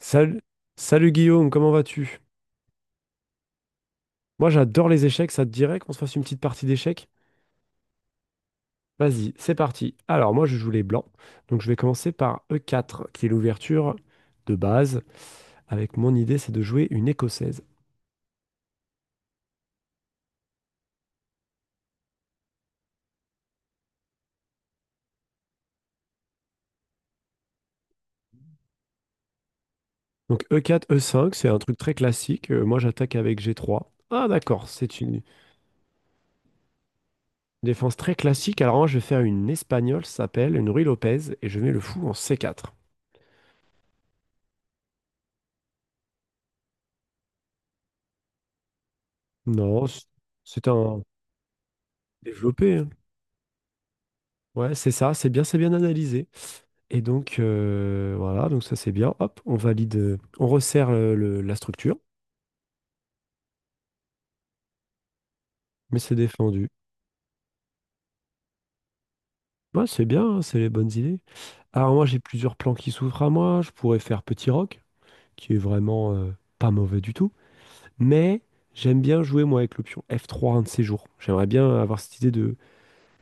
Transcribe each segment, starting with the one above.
Salut, salut Guillaume, comment vas-tu? Moi j'adore les échecs, ça te dirait qu'on se fasse une petite partie d'échecs? Vas-y, c'est parti. Alors moi je joue les blancs, donc je vais commencer par E4, qui est l'ouverture de base, avec mon idée c'est de jouer une écossaise. Donc E4, E5, c'est un truc très classique. Moi j'attaque avec G3. Ah d'accord, c'est une défense très classique, alors moi je vais faire une espagnole, ça s'appelle une Ruy Lopez, et je mets le fou en C4. Non, c- C'est un développé, hein. Ouais, c'est ça, c'est bien analysé. Et donc, voilà, donc ça c'est bien. Hop, on valide, on resserre la structure, mais c'est défendu. Ouais, c'est bien, hein, c'est les bonnes idées. Alors moi, j'ai plusieurs plans qui s'ouvrent à moi. Je pourrais faire Petit Rock, qui est vraiment pas mauvais du tout. Mais j'aime bien jouer, moi, avec l'option f trois un de ces jours. J'aimerais bien avoir cette idée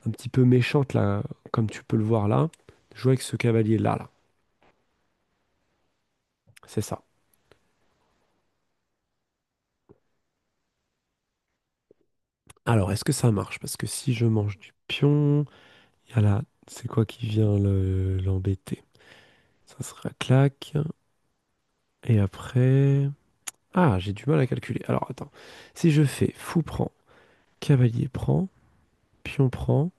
un petit peu méchante, là, comme tu peux le voir là, jouer avec ce cavalier-là, là. C'est ça. Alors, est-ce que ça marche? Parce que si je mange du pion, il y a là, c'est quoi qui vient l'embêter? Ça sera claque. Et après... Ah, j'ai du mal à calculer. Alors attends. Si je fais fou prend, cavalier prend, pion prend,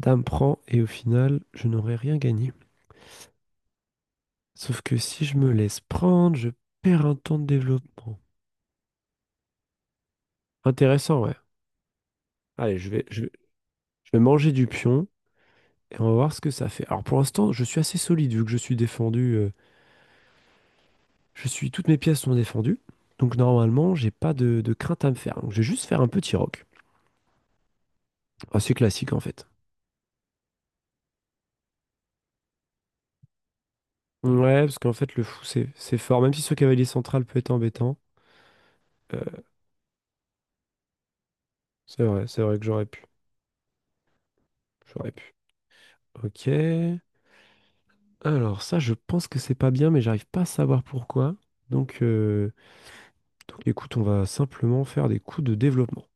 dame prend, et au final, je n'aurai rien gagné. Sauf que si je me laisse prendre, je perds un temps de développement. Intéressant, ouais. Allez, je vais manger du pion et on va voir ce que ça fait. Alors pour l'instant, je suis assez solide vu que je suis défendu. Je suis, toutes mes pièces sont défendues. Donc normalement, j'ai pas de crainte à me faire. Donc je vais juste faire un petit rock. Assez classique en fait. Ouais, parce qu'en fait, le fou, c'est fort. Même si ce cavalier central peut être embêtant. euh, c'est vrai, c'est vrai que j'aurais pu. J'aurais pu. Ok. Alors, ça, je pense que c'est pas bien, mais j'arrive pas à savoir pourquoi. Donc, euh, donc écoute, on va simplement faire des coups de développement.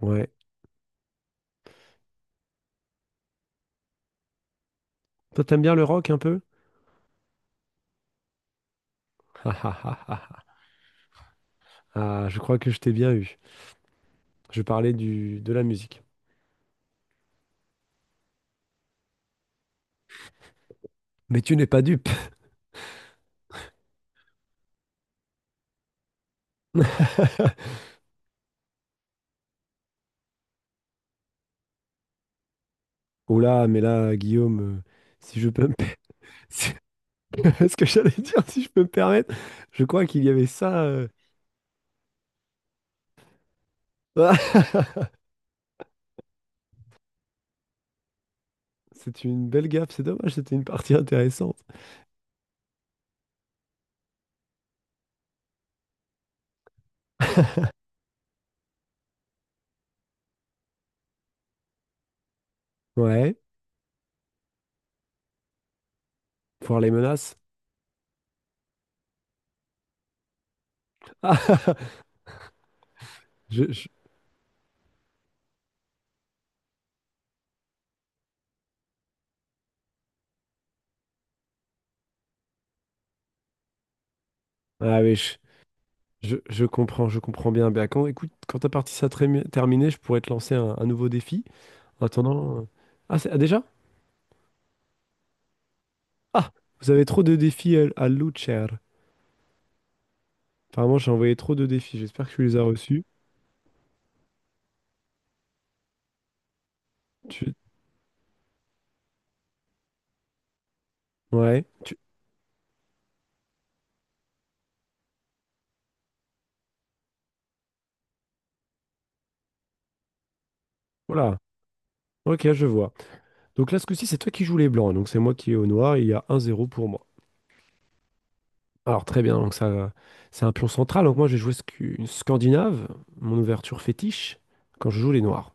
Ouais. Toi, t'aimes bien le rock un peu? Ah, ah, ah, ah. Ah, je crois que je t'ai bien eu. Je parlais de la musique. Mais tu n'es pas dupe. Oh là, mais là, Guillaume, si je peux me... si- ce que j'allais dire, si je peux me permettre, je crois qu'il y avait ça. Ah, C'est une belle gaffe, c'est dommage, c'était une partie intéressante. Ouais, voir les menaces. Ah, je, je- ah oui, je comprends bien. Bah, écoute, quand ta partie sera terminée, je pourrais te lancer un nouveau défi. En attendant. Ah, ah, déjà? Ah, vous avez trop de défis à Lucher. Apparemment, j'ai envoyé trop de défis, j'espère que tu les as reçus. Tu... Ouais, tu... voilà. Ok, je vois. Donc là, ce coup-ci, c'est toi qui joues les blancs, donc c'est moi qui ai au noir, il y a un zéro pour moi. Alors très bien, donc ça, c'est un pion central. Donc moi, je vais jouer une Scandinave, mon ouverture fétiche, quand je joue les noirs.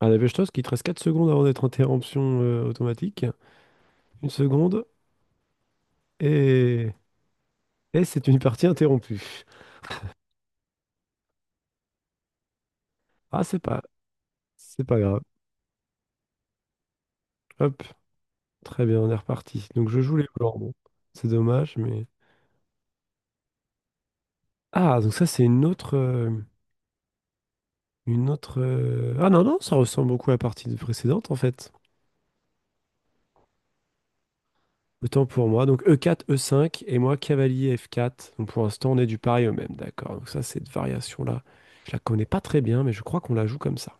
À la Bestos, qui te reste 4 secondes avant d'être interruption automatique. Une seconde, et, et c'est une partie interrompue. Ah, c'est pas, c'est pas grave. Hop, très bien, on est reparti. Donc je joue les blancs, bon. C'est dommage, mais... Ah, donc ça, c'est une autre... Une autre... Ah non, non, ça ressemble beaucoup à la partie précédente, en fait. Autant pour moi. Donc E4, E5 et moi cavalier F4. Donc pour l'instant, on est du pareil au même, d'accord. Donc ça, cette variation-là, je la connais pas très bien, mais je crois qu'on la joue comme ça.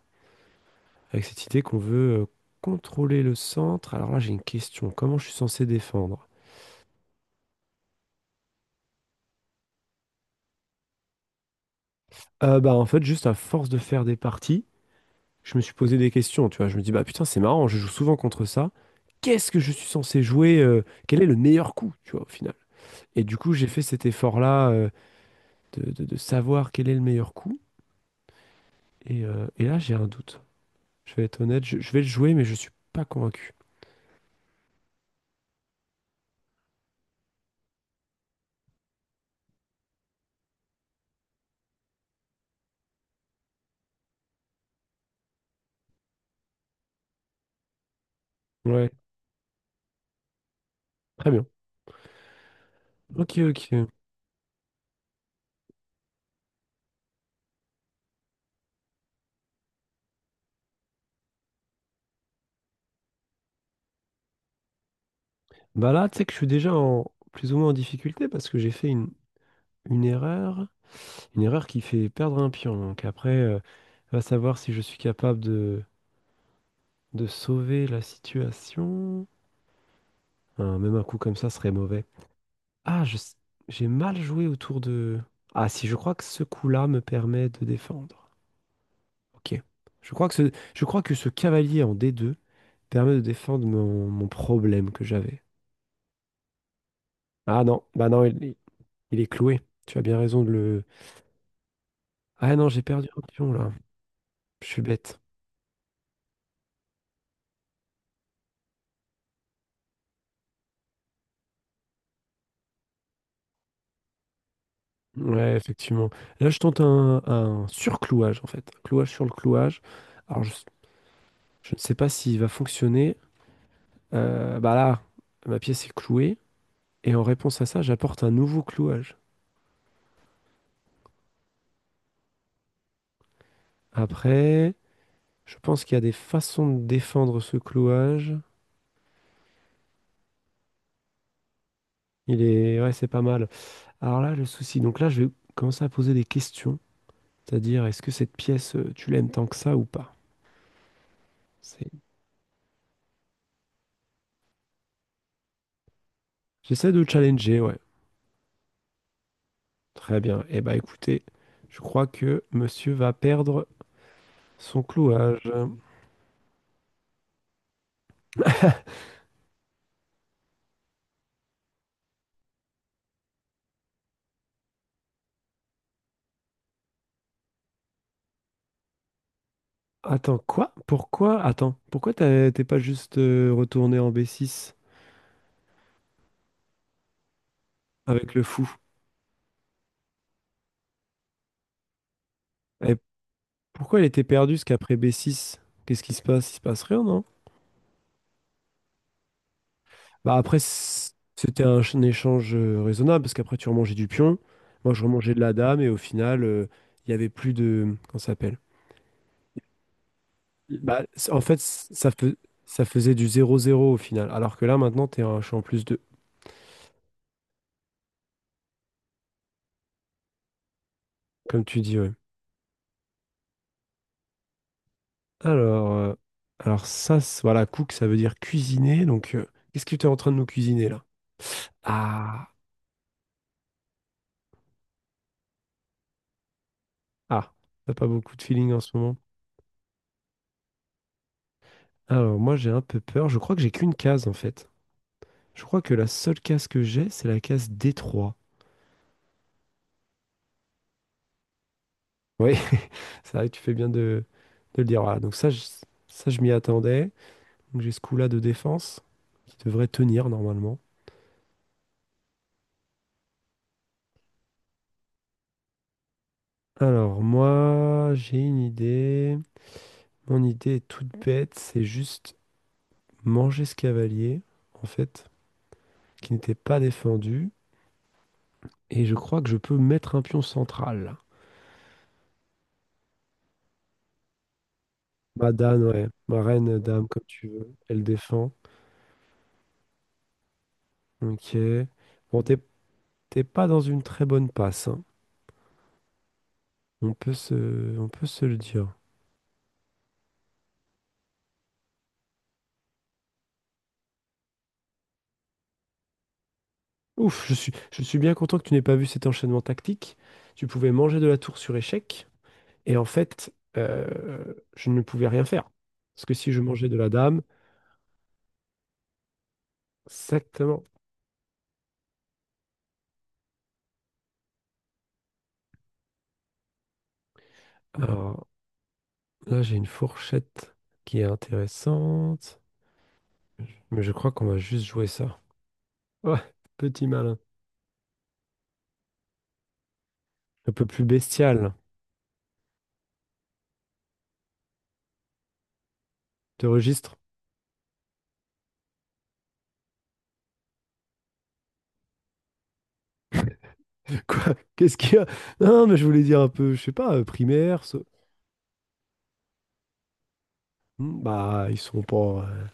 Avec cette idée qu'on veut contrôler le centre. Alors là, j'ai une question. Comment je suis censé défendre? Bah en fait, juste à force de faire des parties, je me suis posé des questions, tu vois. Je me dis, bah putain, c'est marrant, je joue souvent contre ça. Qu'est-ce que je suis censé jouer? Quel est le meilleur coup, tu vois, au final? Et du coup, j'ai fait cet effort-là de savoir quel est le meilleur coup. Et là, j'ai un doute. Je vais être honnête, je vais le jouer, mais je suis pas convaincu. Ouais, très bien. Ok, ok. Bah là, tu sais que je suis déjà plus ou moins en difficulté parce que j'ai fait une erreur. Une erreur qui fait perdre un pion. Va savoir si je suis capable de sauver la situation. Hein, même un coup comme ça serait mauvais. Ah, je s- j'ai mal joué autour de... Ah si, je crois que ce coup-là me permet de défendre. Ok. Je crois que ce cavalier en D2 permet de défendre mon problème que j'avais. Ah non, bah non, il- Est cloué. Tu as bien raison de le. Ah non, j'ai perdu un pion là. Je suis bête. Ouais, effectivement. Là, je tente un surclouage en fait. Un clouage sur le clouage. Alors, je, je ne sais pas s'il va fonctionner. Bah là, ma pièce est clouée. Et en réponse à ça, j'apporte un nouveau clouage. Après, je pense qu'il y a des façons de défendre ce clouage. Il est. Ouais, c'est pas mal. Alors là, le souci. Donc là, je vais commencer à poser des questions. C'est-à-dire, est-ce que cette pièce, tu l'aimes tant que ça ou pas? C'est- J'essaie de challenger, ouais. Très bien. Eh bah écoutez, je crois que monsieur va perdre son clouage. Attends, quoi? Pourquoi? Attends, t'es pas juste retourné en B6 avec le fou? Et pourquoi il était perdu ce qu'après B6? Qu'est-ce qui se passe? Il se passe rien, non? Bah après, c'était un échange raisonnable, parce qu'après tu remangeais du pion, moi je remangeais de la dame, et au final, il y avait plus de... Comment ça s'appelle? Bah, c- en fait, c- ça, fais- Ça faisait du zéro zéro au final. Alors que là, maintenant, t'es un champ plus 2, comme tu dis, ouais. Alors, euh, voilà, cook, ça veut dire cuisiner. Qu'est-ce que tu es en train de nous cuisiner là? Ah, ah, t'as pas beaucoup de feeling en ce moment. Alors, moi, j'ai un peu peur. Je crois que j'ai qu'une case, en fait. Je crois que la seule case que j'ai, c'est la case d trois. Oui, c'est vrai, que tu fais bien de le dire. Voilà, ça, je m'y attendais. Donc, j'ai ce coup-là de défense qui devrait tenir normalement. Alors, moi, j'ai une idée. Mon idée est toute bête, c'est juste manger ce cavalier, en fait, qui n'était pas défendu. Et je crois que je peux mettre un pion central. Ma dame, ouais. Ma reine, dame, comme tu veux. Elle défend. Ok. Bon, t'es pas dans une très bonne passe, hein. On peut se, on peut se le dire. Ouf, je suis bien content que tu n'aies pas vu cet enchaînement tactique. Tu pouvais manger de la tour sur échec. Et en fait, je ne pouvais rien faire. Parce que si je mangeais de la dame, exactement. Alors là, j'ai une fourchette qui est intéressante. Mais je crois qu'on va juste jouer ça. Ouais, petit malin. Un peu plus bestial. De registre. Quoi? Qu'est-ce qu'il y a? Non, mais je voulais dire un peu, je sais pas, primaire. Ce- Hmm, Bah, ils sont pas.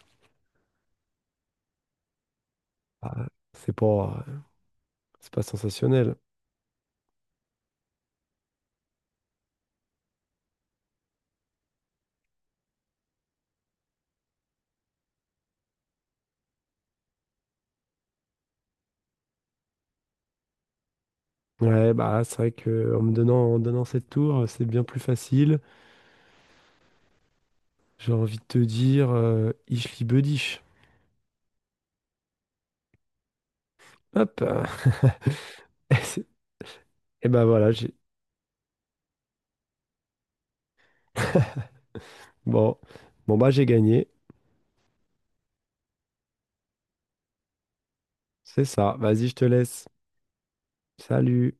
Bah, c'est pas, euh, c'est pas sensationnel. Ouais, bah, c'est vrai que en me donnant, en donnant cette tour, c'est bien plus facile. J'ai envie de te dire Ich liebe dich. Hop. Et ben voilà, j'ai bon. Bon bah j'ai gagné. C'est ça. Vas-y, je te laisse. Salut.